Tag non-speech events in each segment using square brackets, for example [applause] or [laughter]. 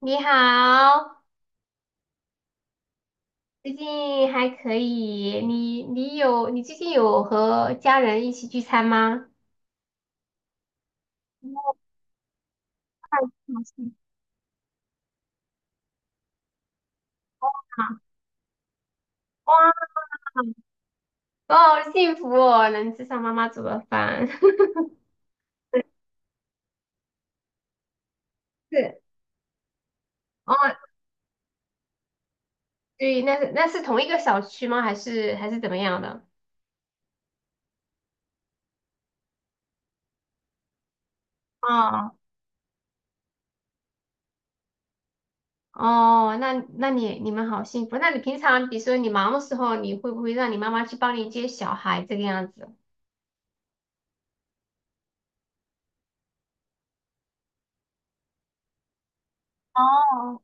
你好，最近还可以。你最近有和家人一起聚餐吗？[laughs] 哦，太好幸福了。哇，我好幸福哦，能吃上妈妈煮的饭。[laughs] 是。哦，对，那是同一个小区吗？还是怎么样的？哦。哦，那你们好幸福。那你平常比如说你忙的时候，你会不会让你妈妈去帮你接小孩这个样子？哦。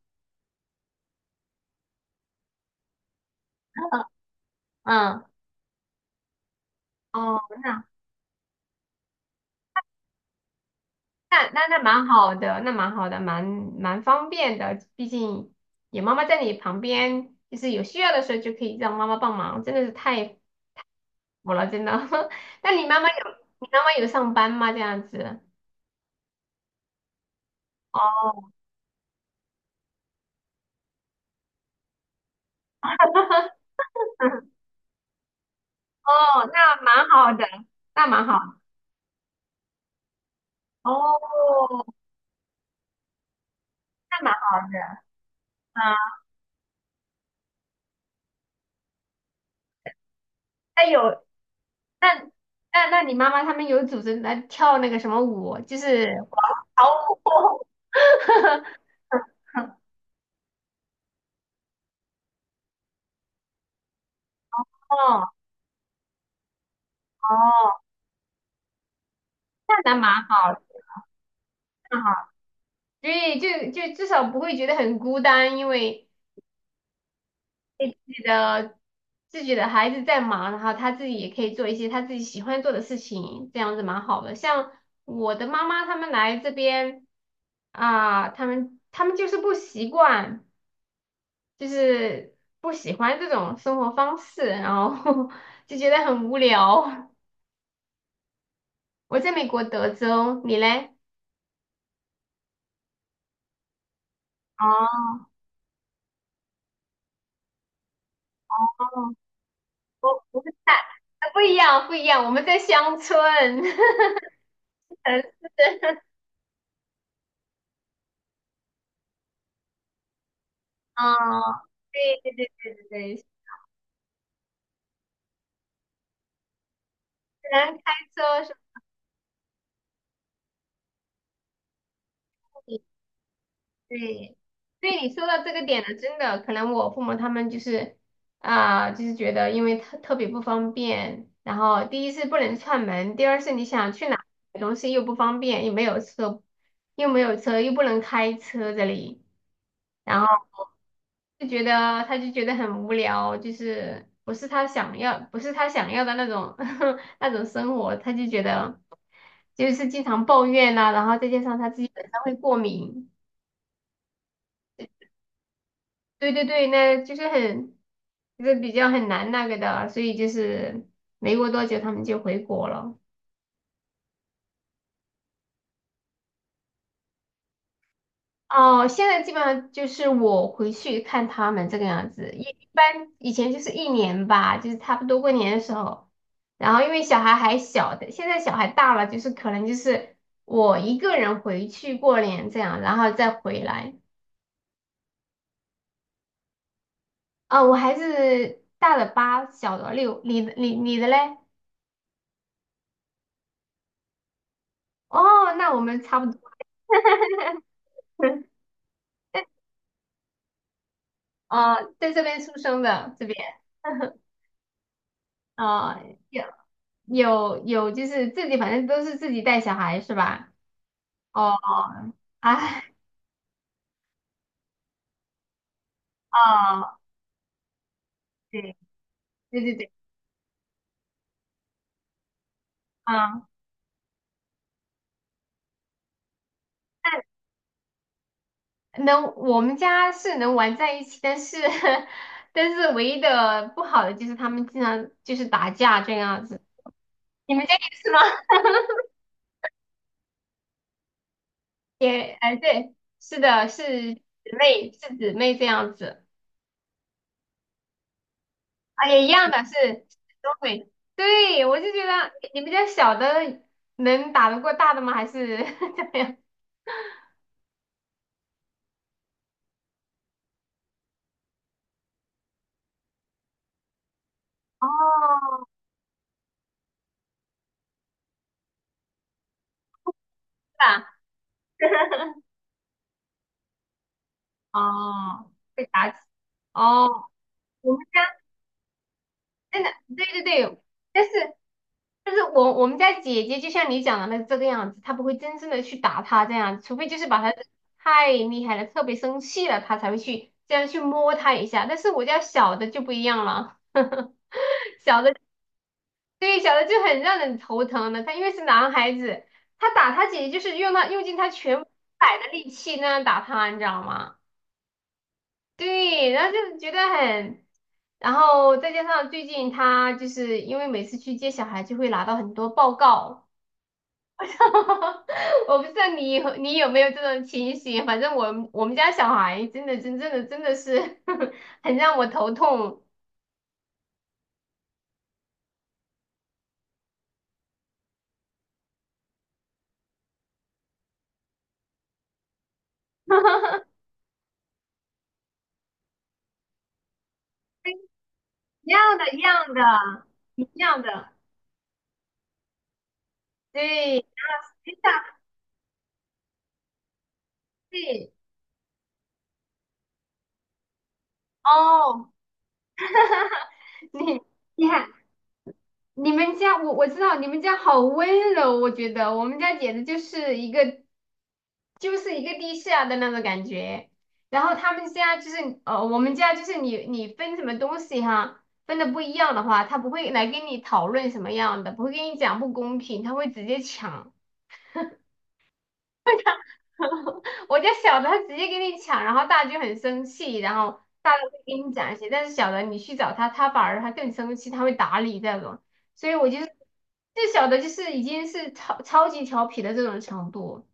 嗯。哦。那。那蛮好的，那蛮好的，蛮方便的。毕竟有妈妈在你旁边，就是有需要的时候就可以让妈妈帮忙，真的是太服了，真的。[laughs] 那你妈妈有你妈妈有上班吗？这样子？哦。 [laughs] 哦，那蛮好的，那蛮好。哦，那蛮好的。啊。那有那那那你妈妈他们有组织来跳那个什么舞，就是广场舞。[laughs] 哦。哦，那蛮好。啊，对，就至少不会觉得很孤单，因为自己的自己的孩子在忙，然后他自己也可以做一些他自己喜欢做的事情，这样子蛮好的。像我的妈妈他们来这边。啊，他们就是不习惯，就是不喜欢这种生活方式，然后 [laughs] 就觉得很无聊。我在美国德州，你嘞？哦。哦，我我们在不一样，不一样，我们在乡村。[laughs] 嗯，是的。哦，对对对对对对，虽然开车是不一对，对，你说到这个点了，真的，可能我父母他们就是，啊、就是觉得因为特别不方便，然后第一是不能串门，第二是你想去哪买东西又不方便，又没有车，又没有车，又不能开车这里。然后就觉得他就觉得很无聊，就是不是他想要，不是他想要的那种 [laughs] 那种生活，他就觉得就是经常抱怨呐、然后再加上他自己本身会过敏，对对对，那就是很，就是比较很难那个的，所以就是没过多久他们就回国了。哦，现在基本上就是我回去看他们这个样子，一般以前就是一年吧，就是差不多过年的时候，然后因为小孩还小的，现在小孩大了，就是可能就是我一个人回去过年这样，然后再回来。啊、我孩子大的8，小的6，你的嘞？哦，那我们差不多。[laughs] 啊，在这边出生的这边。[laughs] 啊、有有有，就是自己，反正都是自己带小孩是吧？哦。哦。哎。哦，对，对对对，嗯，能，我们家是能玩在一起，但是，[laughs] 但是唯一的不好的就是他们经常就是打架这样子。你们家也是吗？[laughs] 也，哎，对，是的，是姊妹，是姊妹这样子。啊，也一样的，是都会。对，我就觉得你们家小的能打得过大的吗？还是 [laughs] 怎么样？哦，是吧？哦，被打起。哦，我们家。真的，对对对，但是我们家姐姐就像你讲的那这个样子，她不会真正的去打他这样，除非就是把他太厉害了，特别生气了，他才会去这样去摸他一下。但是我家小的就不一样了，[laughs] 小的。对，小的就很让人头疼的，他因为是男孩子，他打他姐姐就是用他用尽他全百的力气那样打他，你知道吗？对，然后就是觉得很。然后再加上最近他就是因为每次去接小孩就会拿到很多报告，[laughs] 我不知道你有没有这种情形，反正我们家小孩真的真正的真的是 [laughs] 很让我头痛。一样的，一样的，一样的，对，非常对。哦，你。你看你们家，我知道你们家好温柔，我觉得我们家简直就是一个就是一个地下的那种感觉。然后他们家就是，我们家就是你分什么东西哈，分的不一样的话，他不会来跟你讨论什么样的，不会跟你讲不公平，他会直接抢。我家小的他直接给你抢，然后大就很生气，然后大的会跟你讲一些，但是小的你去找他，他反而他更生气，他会打你这种。所以我就是最小的就是已经是超级调皮的这种程度，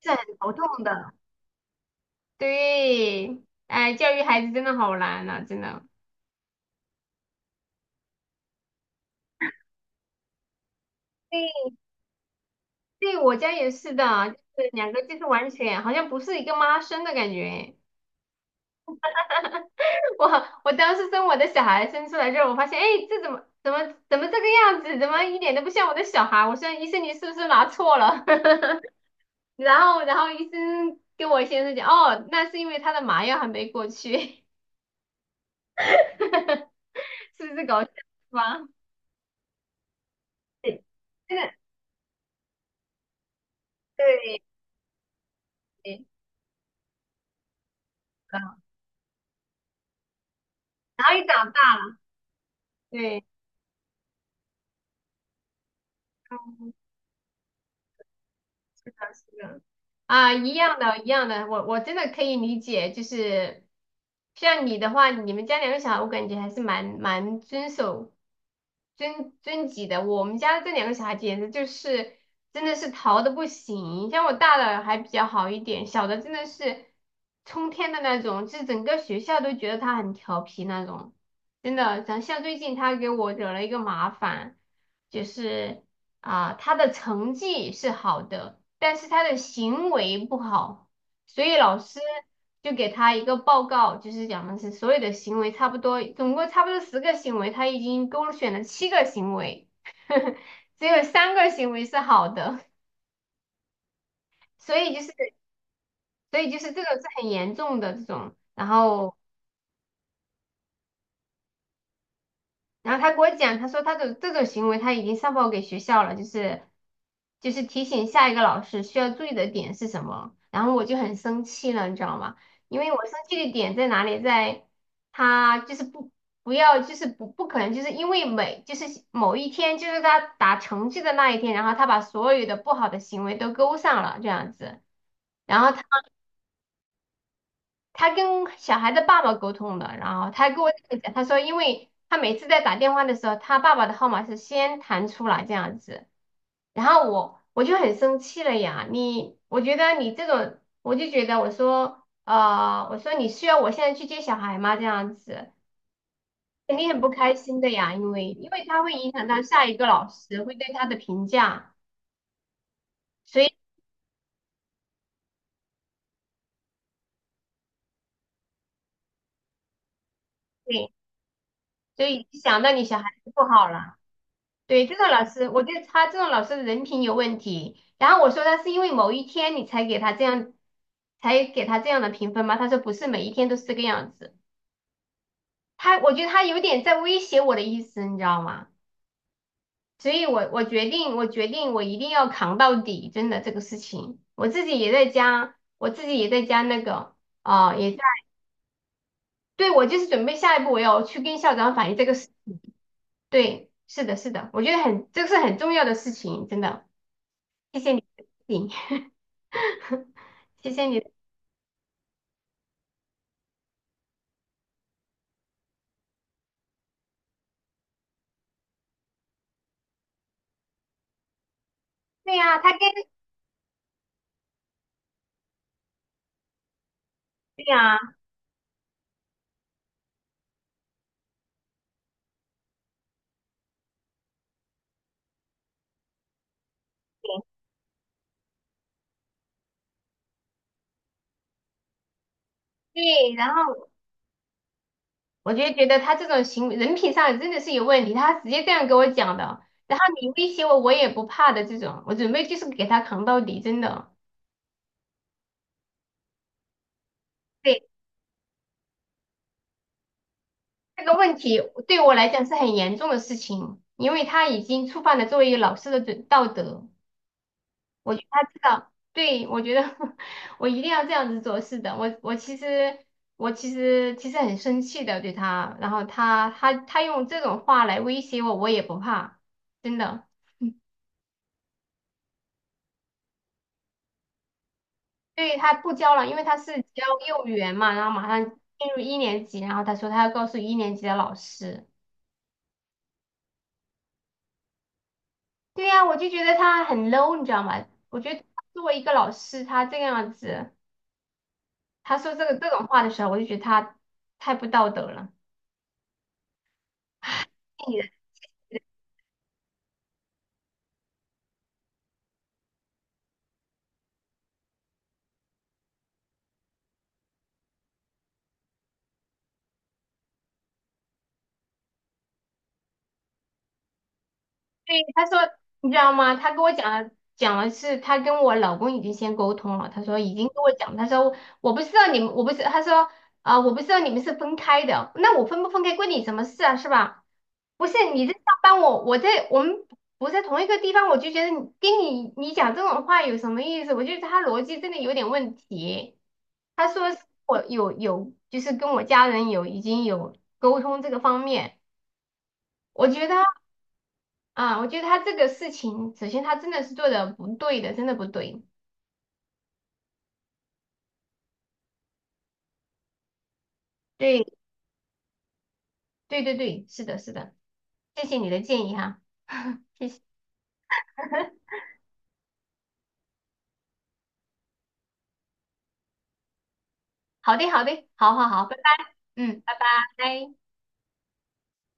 是很头痛的。对，哎，教育孩子真的好难呐、真的。对，对，我家也是的，就是两个就是完全好像不是一个妈生的感觉。[laughs] 我。我当时生我的小孩生出来之后，我发现，哎，这怎么这个样子，怎么一点都不像我的小孩？我说医生，你是不是拿错了？[laughs] 然后医生跟我先生讲，哦，那是因为他的麻药还没过去，[laughs] 是不是搞笑是吧？对，真的。对，对。嗯，然后也长大了，对。是的。啊，一样的，一样的，我真的可以理解，就是像你的话，你们家两个小孩，我感觉还是蛮遵守遵纪的。我们家这两个小孩简直就是真的是淘的不行，像我大的还比较好一点，小的真的是冲天的那种，就是整个学校都觉得他很调皮那种，真的。像最近他给我惹了一个麻烦。就是，啊，他的成绩是好的，但是他的行为不好，所以老师就给他一个报告，就是讲的是所有的行为差不多，总共差不多10个行为，他已经勾选了七个行为，[laughs] 只有三个行为是好的，所以就是这种是很严重的这种，然后他给我讲，他说他的这种行为他已经上报给学校了，就是提醒下一个老师需要注意的点是什么。然后我就很生气了，你知道吗？因为我生气的点在哪里？在他就是不要就是不可能就是因为每就是某一天就是他打成绩的那一天，然后他把所有的不好的行为都勾上了这样子。然后他。他跟小孩的爸爸沟通的，然后他跟我这么讲，他说，因为他每次在打电话的时候，他爸爸的号码是先弹出来这样子，然后我就很生气了呀，你，我觉得你这种，我就觉得我说，我说你需要我现在去接小孩吗？这样子肯定很不开心的呀，因为他会影响到下一个老师会对他的评价，所以对，所以想到你小孩子不好了。对，这种老师，我觉得他这种老师的人品有问题。然后我说他是因为某一天你才给他这样，才给他这样的评分吗？他说不是每一天都是这个样子。他，我觉得他有点在威胁我的意思，你知道吗？所以我决定，我决定我一定要扛到底，真的这个事情，我自己也在加，我自己也在加那个，啊、也在，对，我就是准备下一步我要去跟校长反映这个事。对，是的，是的，我觉得很，这个是很重要的事情，真的，谢谢你的提醒。 [laughs] 谢谢你。对呀、他跟对呀，对，然后我就觉得他这种行为人品上真的是有问题，他直接这样跟我讲的。然后你威胁我，我也不怕的这种，我准备就是给他扛到底，真的。对，这个问题对我来讲是很严重的事情，因为他已经触犯了作为老师的准道德。我觉得他知道，对，我觉得 [laughs] 我一定要这样子做。是的，我其实其实很生气的对他，然后他用这种话来威胁我，我也不怕，真的。对，他不教了，因为他是教幼儿园嘛，然后马上进入一年级，然后他说他要告诉一年级的老师。对呀，我就觉得他很 low，你知道吗？我觉得作为一个老师，他这个样子，他说这种话的时候，我就觉得他太不道德了。对，他说，你知道吗？他跟我讲了，讲了是他跟我老公已经先沟通了。他说已经跟我讲，他说我不知道你们，我不是，他说，啊、我不知道你们是分开的，那我分不分开关你什么事啊，是吧？不是你在上班我，我在我们不在同一个地方，我就觉得你跟你讲这种话有什么意思？我觉得他逻辑真的有点问题。他说是我有就是跟我家人有已经有沟通这个方面。我觉得。啊，我觉得他这个事情，首先他真的是做的不对的，真的不对。对，对对对，是的，是的，谢谢你的建议哈。[laughs] 谢谢。[laughs] 好的，好的，好好好，拜拜。嗯，拜拜。